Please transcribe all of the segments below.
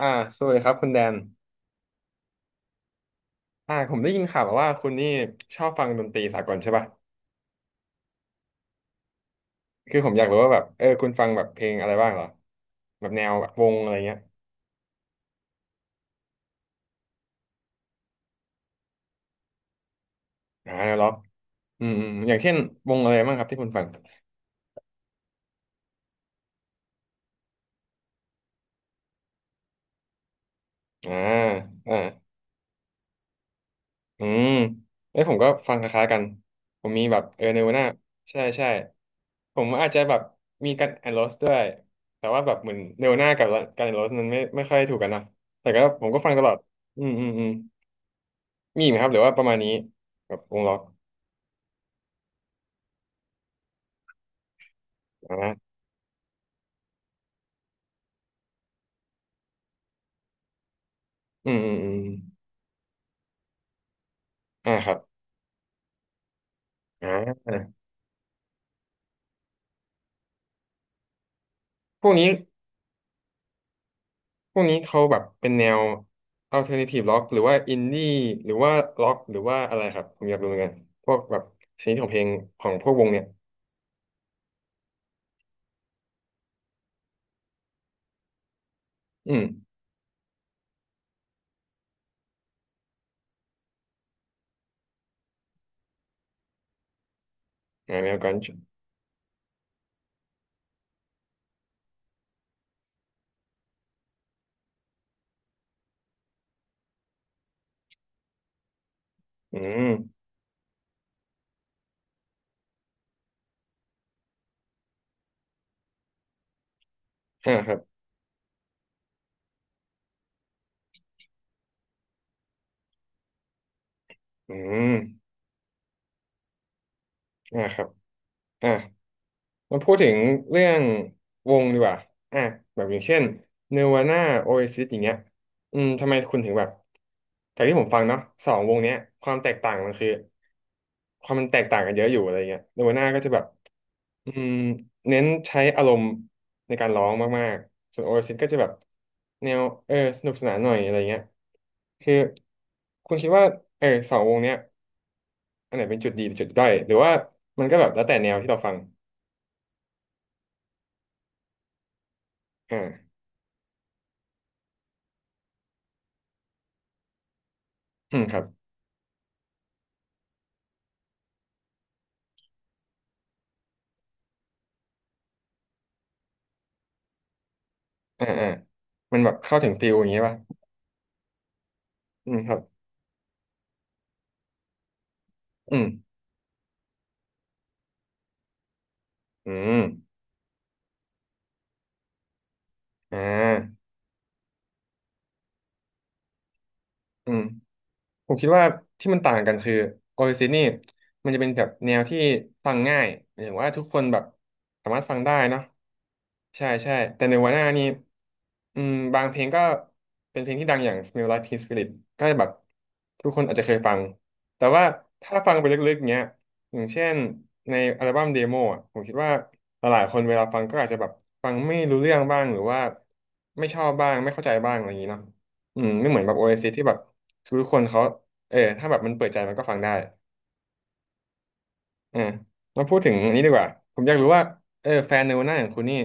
อ่าสวัสดีครับคุณแดนผมได้ยินข่าวมาว่าคุณนี่ชอบฟังดนตรีสากลใช่ป่ะคือผมอยากรู้ว่าแบบคุณฟังแบบเพลงอะไรบ้างเหรอแบบแนวแบบวงอะไรเงี้ยแนวล็อกอืมอืมอย่างเช่นวงอะไรบ้างครับที่คุณฟังอ่าอ่าอืมเอ้ยผมก็ฟังคล้ายๆกันผมมีแบบเนวาน่าใช่ใช่ผมอาจจะแบบมีกันแอนด์โรสด้วยแต่ว่าแบบเหมือนเนวาน่ากับกันแอนด์โรสมันไม่ค่อยถูกกันนะแต่ก็ผมก็ฟังตลอดอืมอืมอืม มีไหมครับหรือว่าประมาณนี้แบบวงล็อกอ่าอืมอืมอืมอ่าครับอ่าพวกนี้พวกนี้เขาแบบเป็นแนว alternative rock หรือว่า indie หรือว่า rock หรือว่าอะไรครับผมอยากรู้เหมือนกันพวกแบบชนิดของเพลงของพวกวงเนี่ยอืมแนวกันอืมอ่าครับอืมอ่าครับอ่า มาพูดถึงเรื่องวงดีกว่าอ่ะแบบอย่างเช่นเนวาน่าโอเอซิสอย่างเงี้ยอืมทำไมคุณถึงแบบจากที่ผมฟังเนาะสองวงเนี้ยความแตกต่างมันคือความมันแตกต่างกันเยอะอยู่อะไรเงี้ยเนวาน่าก็จะแบบอืมเน้นใช้อารมณ์ในการร้องมากๆส่วนโอเอซิสก็จะแบบแนวสนุกสนานหน่อยอะไรเงี้ยคือคุณคิดว่าสองวงเนี้ยอันไหนเป็นจุดดีเป็นจุดด้อยหรือว่ามันก็แบบแล้วแต่แนวที่เราฟังอ่าอืมครับ อ่าอ่ามันแบบเข้าถึงฟิลอย่างงี้ป่ะอืมครับอืมอืมอ่าอืม ผมคิดว่าที่มันต่างกันคือโอเอซิสนี่มันจะเป็นแบบแนวที่ฟังง่ายหมายถึงว่าทุกคนแบบสามารถฟังได้เนาะใช่ใช่แต่ในวาน่านี่อืมบางเพลงก็เป็นเพลงที่ดังอย่าง Smell Like Teen Spirit ก็แบบทุกคนอาจจะเคยฟังแต่ว่าถ้าฟังไปลึกๆเงี้ยอย่างเช่นในอัลบั้มเดโมอะผมคิดว่าหลายๆคนเวลาฟังก็อาจจะแบบฟังไม่รู้เรื่องบ้างหรือว่าไม่ชอบบ้างไม่เข้าใจบ้างอะไรอย่างนี้เนาะอืมไม่เหมือนแบบโอเอซิสที่แบบ ทุกคนเขาถ้าแบบมันเปิดใจมันก็ฟังได้อ่ามาพูดถึงอันนี้ดีกว่าผมอยากรู้ว่าแฟนในวันหน้าขอย่างคุณนี่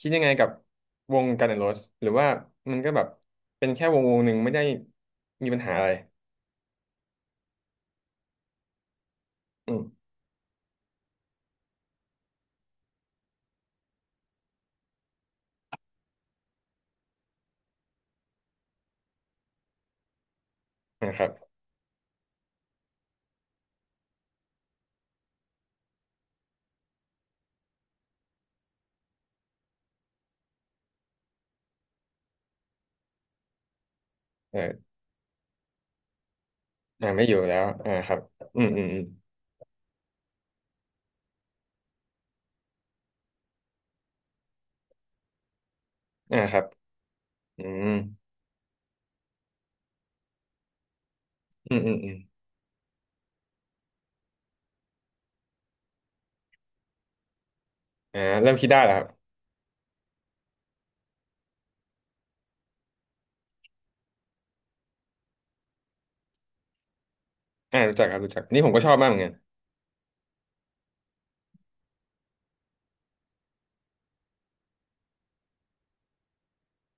คิดยังไงกับวงกัน n อนโร o s สหรือว่ามันก็แบบเป็นแค่วงหนึ่งไม่ได้มีปัญหาอะไรอืมนะครับเออไม่อยู่แล้วครับอืมอืมอืมอ่าครับอืมอืมอืมอืมเริ่มคิดได้แล้วครับรู้จักครับรู้จักนี่ผมก็ชอบมากเหมือนกัน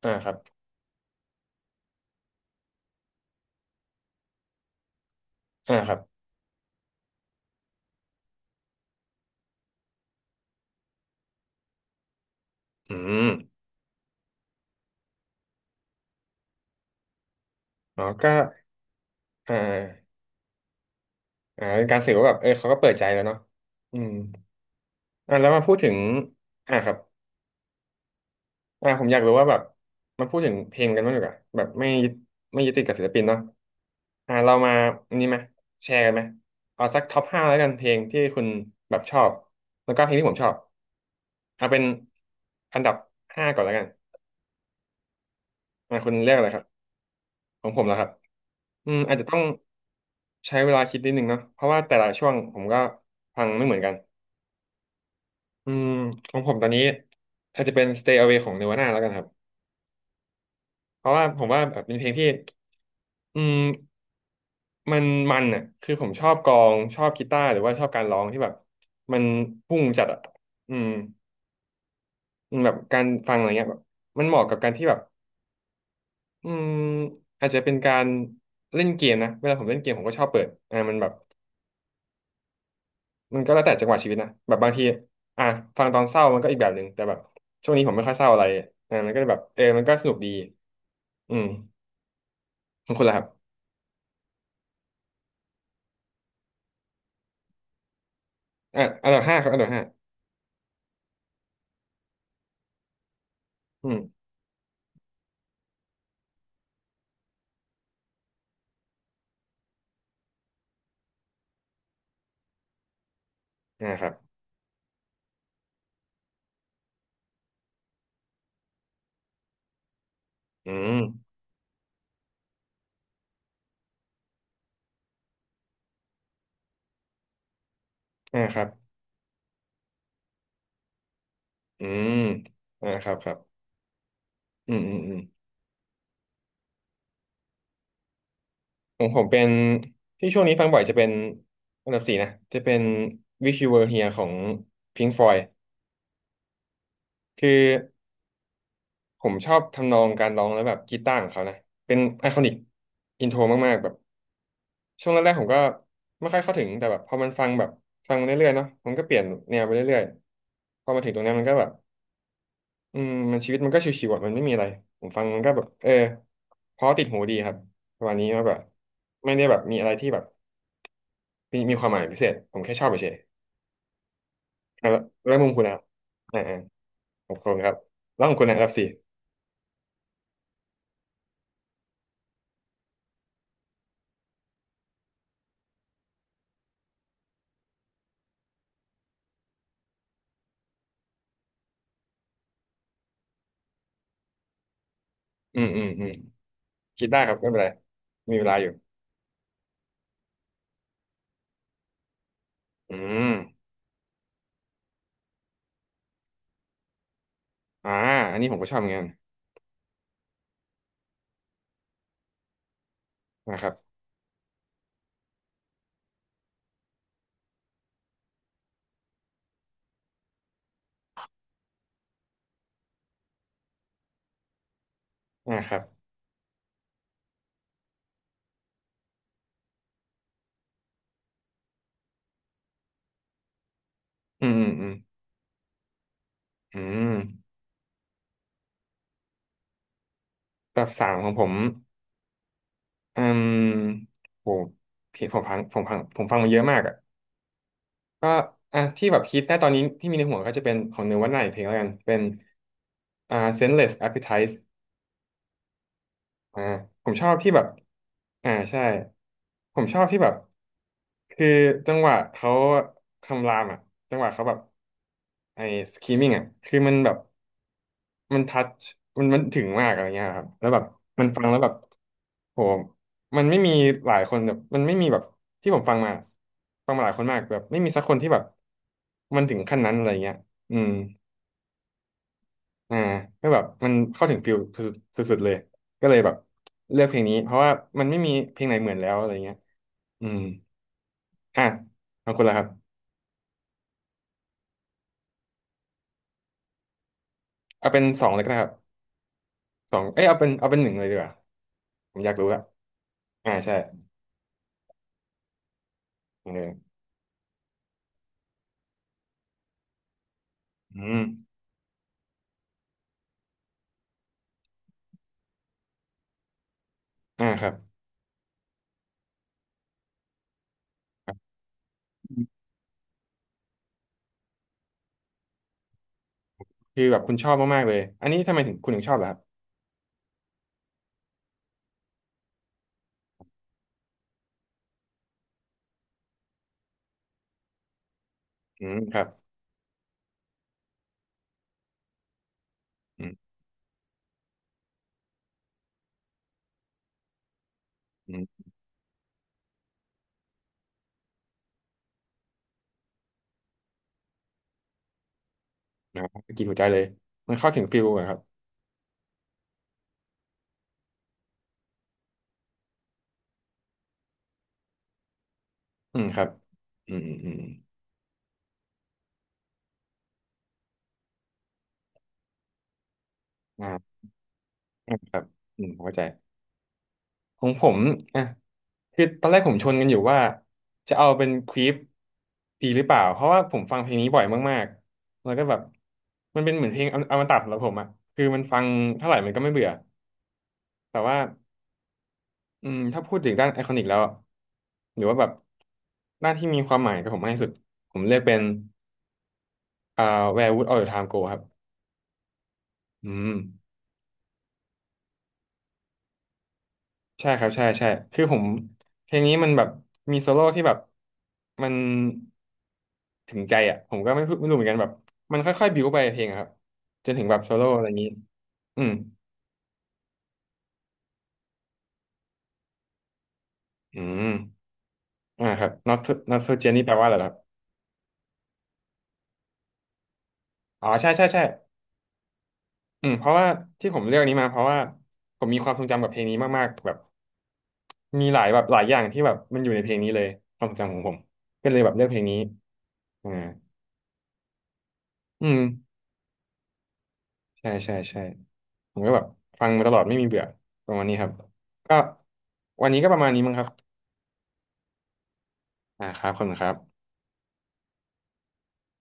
อ่าครับอ่าครับอืมอ๋อก็อ่า เป็นการสื่อว่าแบบเขาก็เปิดใจแล้วเนาะอืมแล้วมาพูดถึงอ่าครับผมอยากรู้ว่าแบบมาพูดถึงเพลงกันบ้างดีกว่าแบบไม่ยึดติดกับศิลปินเนาะเรามาอันนี้ไหมแชร์กันไหมเอาสักท็อปห้าแล้วกันเพลงที่คุณแบบชอบแล้วก็เพลงที่ผมชอบเอาเป็นอันดับห้าก่อนแล้วกันคุณเลือกอะไรครับของผมแล้วครับอืมอาจจะต้องใช้เวลาคิดนิดนึงเนาะเพราะว่าแต่ละช่วงผมก็ฟังไม่เหมือนกัน อืมของผมตอนนี้อาจจะเป็น Stay Away ของ Nirvana แล้วกันครับเพราะว่าผมว่าแบบเป็นเพลงที่อืมมันมันอ่ะคือผมชอบกลองชอบกีตาร์หรือว่าชอบการร้องที่แบบมันพุ่งจัดอ่ะอืมอืมแบบการฟังอะไรเงี้ยแบบมันเหมาะกับการที่แบบอืมอาจจะเป็นการเล่นเกมนะเวลาผมเล่นเกมผมก็ชอบเปิดมันแบบมันก็แล้วแต่จังหวะชีวิตนะแบบบางทีอ่ะฟังตอนเศร้ามันก็อีกแบบหนึ่งแต่แบบช่วงนี้ผมไม่ค่อยเศร้าอะไรมันก็เลยแบบมันก็สนุกดีอืมของคุณล่ะครับ อ่ะอันดับห้าครับอันดับห้าอืมอ่าครับอืมอ่าครับอืมอ่าครับครับอืมอืมอืมของผมเป็นที่ช่วงนี้ฟังบ่อยจะเป็นอันดับสี่นะจะเป็น Wish You Were Here ของ Pink Floyd คือผมชอบทำนองการร้องแล้วแบบกีตาร์ของเขานะเป็นไอคอนิกอินโทรมากๆแบบช่วงแรกๆผมก็ไม่ค่อยเข้าถึงแต่แบบพอมันฟังแบบฟังมาเรื่อยๆเนาะมันก็เปลี่ยนแนวไปเรื่อยๆพอมาถึงตรงนี้มันก็แบบ อืมมันชีวิตมันก็ชิวๆอ่ะมันไม่มีอะไรผมฟังมันก็แบบเออเพราะติดหูดีครับประมาณนี้ว่าแบบไม่ได้แบบมีอะไรที่แบบมีความหมายพิเศษผมแค่ชอบเฉยๆแล้วแล้วมุมคุณนะครับอ่าอ่าของคุณครับแล้วของคุณนะครับสี่อืมอืมอืมคิดได้ครับไม่เป็นไรมีเวลาอยู่อืมอ่าอันนี้ผมก็ชอบเหมือนกันนะครับนะครับอืมอืมอืมอืมแบบสามของผมอืมโหผมฟังมาเยอะมากอ่ะ ก็อ่ะที่แบบคิดได้ตอนนี้ที่มีในหัวก็จะเป็นของเนื้อวันไหนเพลงแล้วกันเป็นSenseless Appetite อ่าผมชอบที่แบบอ่าใช่ผมชอบที่แบบคือจังหวะเขาคำรามอ่ะจังหวะเขาแบบไอ้ screaming อ่ะคือมันแบบ มันทัชมันถึงมากอะไรเงี้ยครับแล้วแบบมันฟังแล้วแบบโหมันไม่มีหลายคนแบบมันไม่มีแบบที่ผมฟังมาฟังมาหลายคนมากแบบไม่มีสักคนที่แบบมันถึงขั้นนั้นอะไรเงี้ยอืมอ่าก็แบบมันเข้าถึงฟิลสุดสุดๆเลยก็เลยแบบเลือกเพลงนี้เพราะว่ามันไม่มีเพลงไหนเหมือนแล้วอะไรเงี้ยอืมอ่ะเอาคนละครับเอาเป็นสองเลยก็ได้ครับสองเอ้ยเอาเป็นเอาเป็นหนึ่งเลยดีกว่าผมอยากรู้อะอ่าใช่หนึ่งเลยอืมอ่าครับ คือแบบคุณชอบมากๆเลยอันนี้ทำไมถึงคุณถึงชอบลหรครับอืมครับอืมอืมนะครับกินหัวใจเลยมันเข้าถึงฟิลอะครับอืมครับอืมอืมอืมอ่าอ่าครับอืมเข้าใจของผมอ่ะคือตอนแรกผมชนกันอยู่ว่าจะเอาเป็นควีฟดีหรือเปล่า เพราะว่าผมฟังเพลงนี้บ่อยมากๆแล้วก็แบบมันเป็นเหมือนเพลงอมตะสำหรับผมอะคือมันฟังเท่าไหร่มันก็ไม่เบื่อแต่ว่า อืมถ้าพูดถึงด้านไอคอนิกแล้วอะหรือว่าแบบด้านที่มีความหมายกับผมมากที่สุดผมเลือกเป็นอ่า Where Would All the Time Go ครับอืมใช่ครับใช่ใช่คือผมเพลงนี้มันแบบมีโซโล่ที่แบบมันถึงใจอ่ะผมก็ไม่พูดไม่รู้เหมือนกันแบบมันค่อยๆบิวไปเพลงอะครับจนถึงแบบโซโล่อะไรอย่างนี้อืมอืมอ่าครับ Not So Jenny แปลว่าอะไรเหรอครับอ๋อใช่ใช่ใช่อืมเพราะว่าที่ผมเลือกนี้มาเพราะว่าผมมีความทรงจำกับเพลงนี้มากๆแบบ มีหลายแบบหลายอย่างที่แบบมันอยู่ในเพลงนี้เลยความทรงจำของผมก็เลยแบบเลือกเพลงนี้อ่าอืมใช่ใช่ใช่ผมก็แบบฟังมาตลอดไม่มีเบื่อประมาณนี้ครับก็วันนี้ก็ประมาณนี้มั้งครับอ่าครับขอบคุณครับ